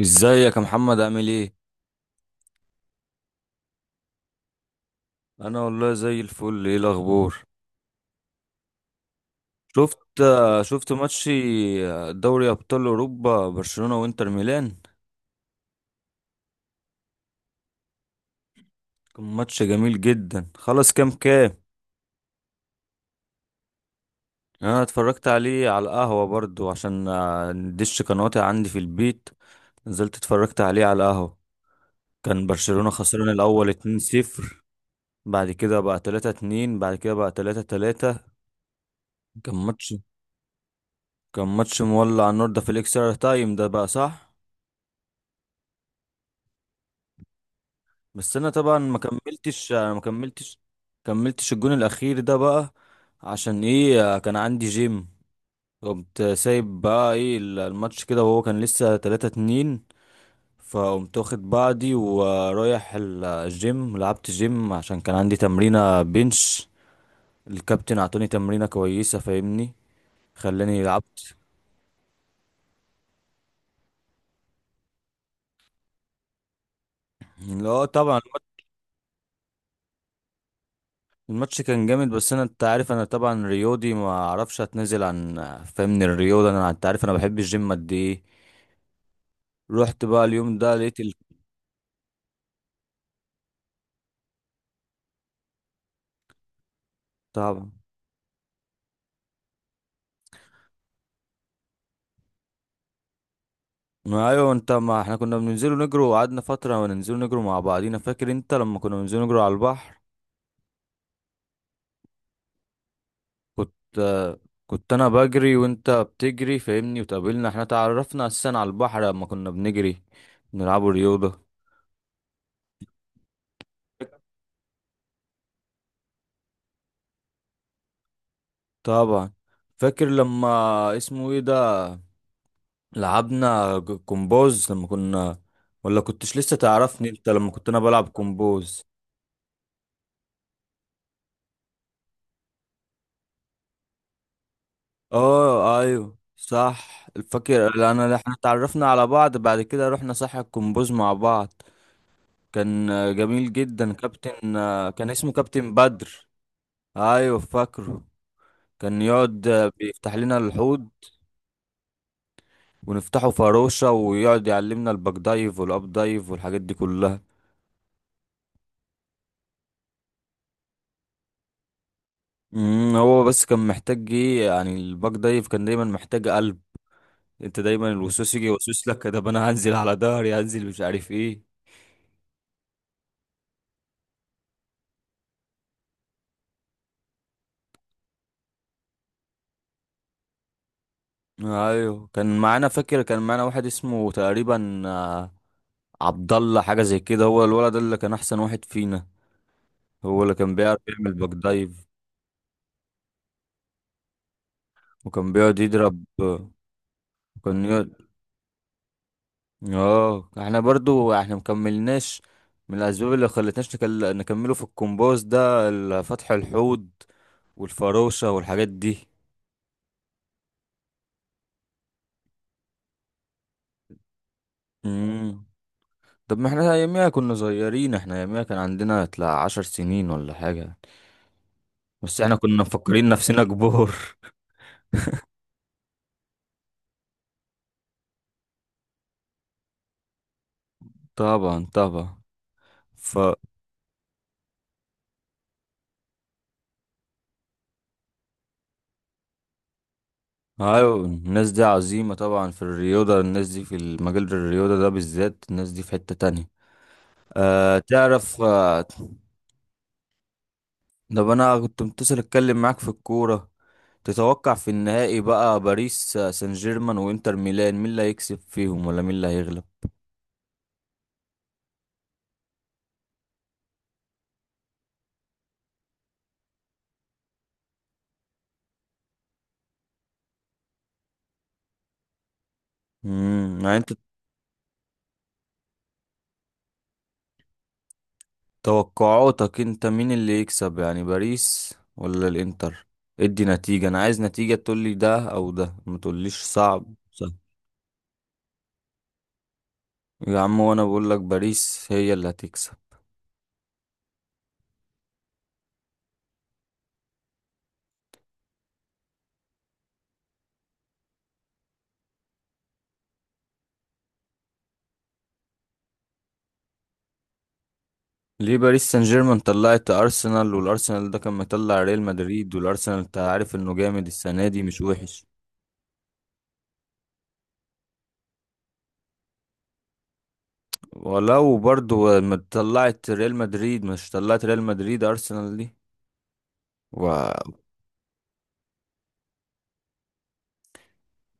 ازيك يا محمد؟ عامل ايه؟ انا والله زي الفل. ايه الاخبار؟ شفت شفت ماتش. دوري ابطال اوروبا، برشلونة وانتر ميلان. كان ماتش جميل جدا. خلاص، كام كام؟ انا اتفرجت عليه على القهوة برضو، عشان الدش كان قاطع عندي في البيت. نزلت اتفرجت عليه على القهوة. كان برشلونة خسران الاول 2-0، بعد كده بقى 3-2، بعد كده بقى 3-3. كان ماتش كان ماتش مولع النور ده، في الاكسترا تايم ده بقى، صح. بس انا طبعا ما كملتش، كملتش الجون الاخير ده بقى. عشان ايه؟ كان عندي جيم. قمت سايب بقى ايه الماتش كده، وهو كان لسه 3 2. فقمت واخد بعضي ورايح الجيم، لعبت جيم عشان كان عندي تمرينة بنش. الكابتن اعطاني تمرينة كويسة، فاهمني، خلاني لعبت. لا طبعا. الماتش كان جامد، بس انا انت عارف انا طبعا رياضي، ما اعرفش اتنازل عن، فاهمني، الرياضه. انا انت عارف انا بحب الجيم قد ايه. رحت بقى اليوم ده لقيت طبعا. ما ايوه انت، ما احنا كنا بننزلوا نجروا وقعدنا فترة وننزلوا نجروا مع بعضينا، فاكر انت لما كنا بننزلوا نجروا على البحر؟ كنت آه، كنت انا بجري وانت بتجري، فاهمني، وتقابلنا. احنا تعرفنا اساسا على البحر لما كنا بنجري، بنلعبوا رياضة. طبعا. فاكر لما اسمه ايه ده، لعبنا كومبوز لما كنا، ولا كنتش لسه تعرفني انت لما كنت انا بلعب كومبوز؟ اه ايوه صح الفكر، لان احنا اتعرفنا على بعض بعد كده رحنا ساحة الكومبوز مع بعض. كان جميل جدا كابتن، كان اسمه كابتن بدر. ايوه فاكره. كان يقعد بيفتح لنا الحوض، ونفتحه فروشة، ويقعد يعلمنا الباك دايف والاب دايف والحاجات دي كلها. هو بس كان محتاج ايه يعني؟ الباك دايف كان دايما محتاج قلب. انت دايما الوسوس يجي يوسوس لك، ده انا هنزل على ظهري، هنزل مش عارف ايه. ايوه كان معانا، فاكر كان معانا واحد اسمه تقريبا عبد الله، حاجه زي كده. هو الولد ده اللي كان احسن واحد فينا، هو اللي كان بيعرف يعمل باك دايف. وكان بيقعد يضرب، وكان يقعد. اه احنا برضو احنا مكملناش. من الاسباب اللي خلتناش نكمله في الكومبوز ده، فتح الحوض والفروشه والحاجات دي. امم. طب ما احنا اياميها كنا صغيرين، احنا اياميها كان عندنا 13 سنين ولا حاجه. بس احنا كنا مفكرين نفسنا كبار. طبعا طبعا. ف أيوة، الناس دي عظيمة طبعا في الرياضة. الناس دي في المجال الرياضة ده بالذات، الناس دي في حتة تانية. أه تعرف، طب أنا كنت متصل أتكلم معاك في الكورة. تتوقع في النهائي بقى، باريس سان جيرمان وإنتر ميلان، مين اللي هيكسب فيهم ولا مين اللي هيغلب؟ يعني أنت توقعاتك أنت، مين اللي يكسب يعني، باريس ولا الإنتر؟ ادي نتيجة، أنا عايز نتيجة، تقولي ده أو ده، ما تقوليش صعب. يا عم وانا بقول لك باريس هي اللي هتكسب. ليه؟ باريس سان جيرمان طلعت ارسنال، والارسنال ده كان مطلع ريال مدريد، والارسنال انت عارف انه جامد السنه دي، مش وحش. ولو برضو ما طلعت ريال مدريد، مش طلعت ريال مدريد ارسنال دي و...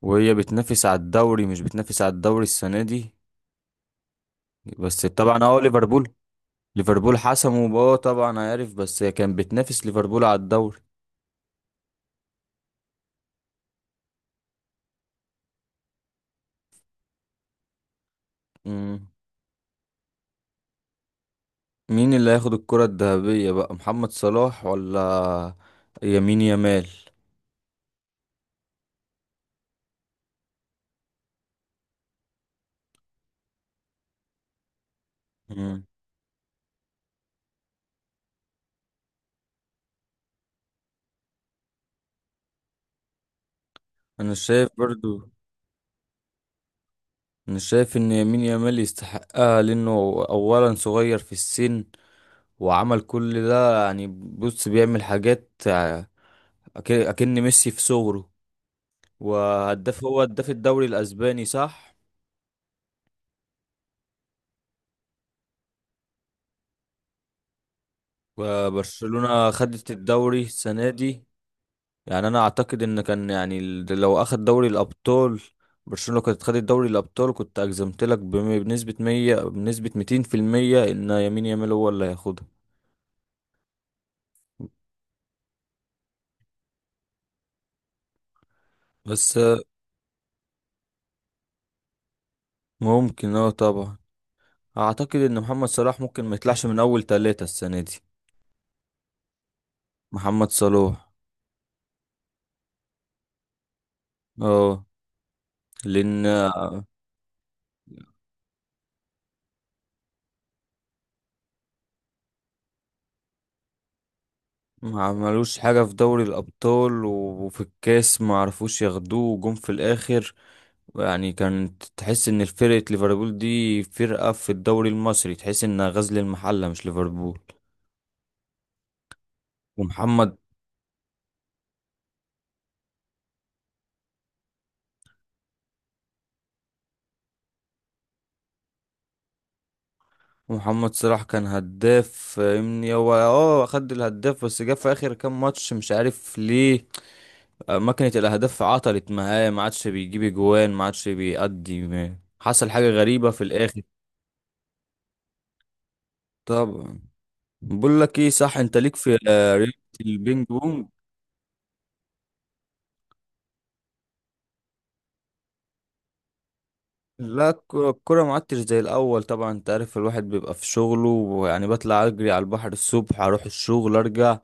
وهي بتنافس على الدوري، مش بتنافس على الدوري السنه دي. بس طبعا اه ليفربول حسموا، اه طبعا عارف، بس هي كانت بتنافس ليفربول على الدوري. مم. مين اللي هياخد الكرة الذهبية بقى، محمد صلاح ولا يمين يامال؟ مم. انا شايف برضو. انا شايف ان يمين يامال يستحقها، لانه اولا صغير في السن، وعمل كل ده، يعني بص بيعمل حاجات اكن ميسي في صغره. وهداف، هو هداف الدوري الاسباني صح. وبرشلونة خدت الدوري السنة دي. يعني انا اعتقد ان كان يعني لو اخد دوري الابطال، برشلونة لو كانت خدت دوري الابطال كنت اجزمت لك بنسبة 100، بنسبة 200% ان يمين يامال هو اللي هياخدها. بس. ممكن اه طبعا. اعتقد ان محمد صلاح ممكن ما يطلعش من اول ثلاثة السنة دي. محمد صلاح، اه، لان ما عملوش حاجة في دوري الابطال وفي الكاس، ما عرفوش ياخدوه، وجم في الاخر. يعني كانت تحس ان فرقة ليفربول دي فرقة في الدوري المصري، تحس انها غزل المحلة مش ليفربول. ومحمد ومحمد صلاح كان هداف، فاهمني، هو اه خد الهداف، بس جه في اخر كام ماتش مش عارف ليه. ماكينة الاهداف عطلت معاه، ما عادش بيجيب اجوان، ما عادش بيأدي، حصل حاجة غريبة في الاخر. طبعا. بقول لك ايه صح، انت ليك في رياضة البينج بونج؟ لا، الكرة ما عدتش زي الأول. طبعا أنت عارف، الواحد بيبقى في شغله، ويعني بطلع أجري على البحر الصبح، أروح الشغل، أرجع،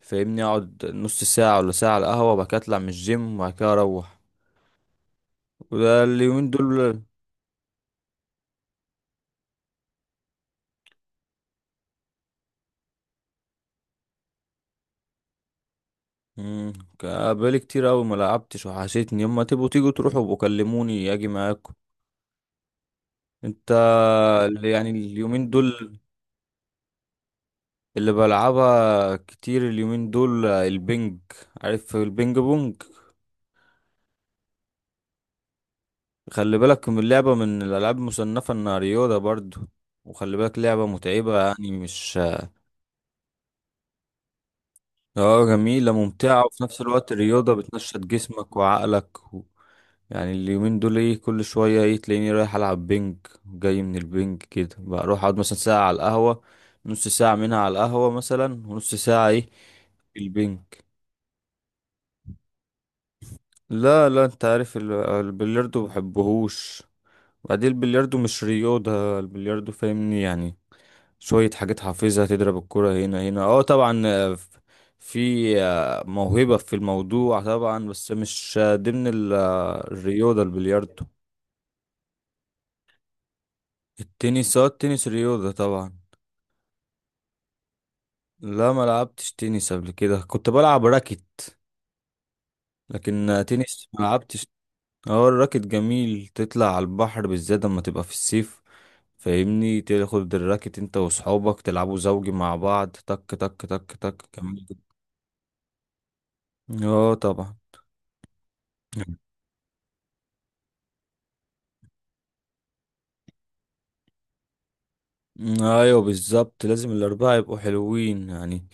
فاهمني، أقعد نص ساعة ولا ساعة على القهوة، وبعد كده أطلع من الجيم، وبعد كده أروح. وده اليومين دول. مم، بقالي كتير أوي ما لعبتش، وحشتني، يما تبقوا تيجوا تروحوا وكلموني أجي معاكم. أنت، يعني اليومين دول اللي بلعبها كتير اليومين دول، البنج، عارف البنج بونج؟ خلي بالك من اللعبة، من الألعاب المصنفة إنها رياضة برضو. وخلي بالك لعبة متعبة يعني، مش... اه جميلة ممتعة، وفي نفس الوقت الرياضة بتنشط جسمك وعقلك يعني اليومين دول ايه، كل شوية ايه تلاقيني رايح ألعب بينج. جاي من البينج كده بروح أقعد مثلا ساعة على القهوة، نص ساعة منها على القهوة مثلا ونص ساعة ايه، في البينج. لا لا، انت عارف البلياردو مبحبهوش. بعدين البلياردو مش رياضة. البلياردو فاهمني، يعني شوية حاجات حافظها، تضرب الكرة هنا هنا، اه طبعا، في موهبة في الموضوع طبعا، بس مش ضمن الرياضة البلياردو. التنس رياضة طبعا. لا ما لعبتش تنس قبل كده، كنت بلعب راكت. لكن تنس ما لعبتش. اه الراكت جميل، تطلع على البحر بالذات لما تبقى في الصيف. فاهمني، تاخد الراكت انت واصحابك تلعبوا زوجي مع بعض، تك تك تك تك كمان. اه طبعا. ايوه بالظبط، لازم الاربعه يبقوا حلوين يعني.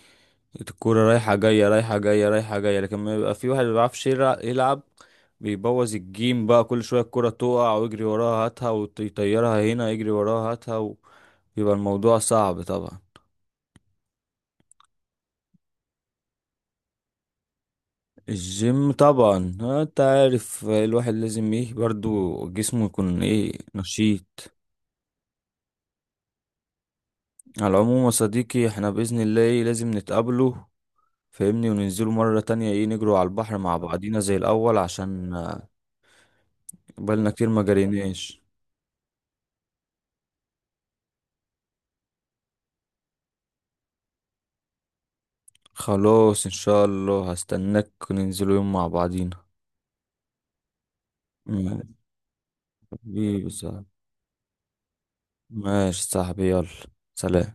الكوره رايحه جايه، رايحه جايه، رايحه جايه، لكن ما يبقى في واحد ما بيعرفش يلعب. بيبوظ الجيم بقى، كل شويه الكوره تقع ويجري وراها هاتها ويطيرها هنا، يجري وراها هاتها. ويبقى الموضوع صعب طبعا. الجيم طبعا، انت عارف الواحد لازم ايه، برضو جسمه يكون ايه، نشيط. على العموم يا صديقي، احنا بإذن الله ايه لازم نتقابله، فاهمني، وننزلوا مرة تانية ايه، نجروا على البحر مع بعضينا زي الأول، عشان بقالنا كتير ما جريناش. خلاص إن شاء الله، هستناك وننزلوا يوم مع بعضينا. مم. حبيبي صاحبي، ماشي صاحبي، يلا، سلام.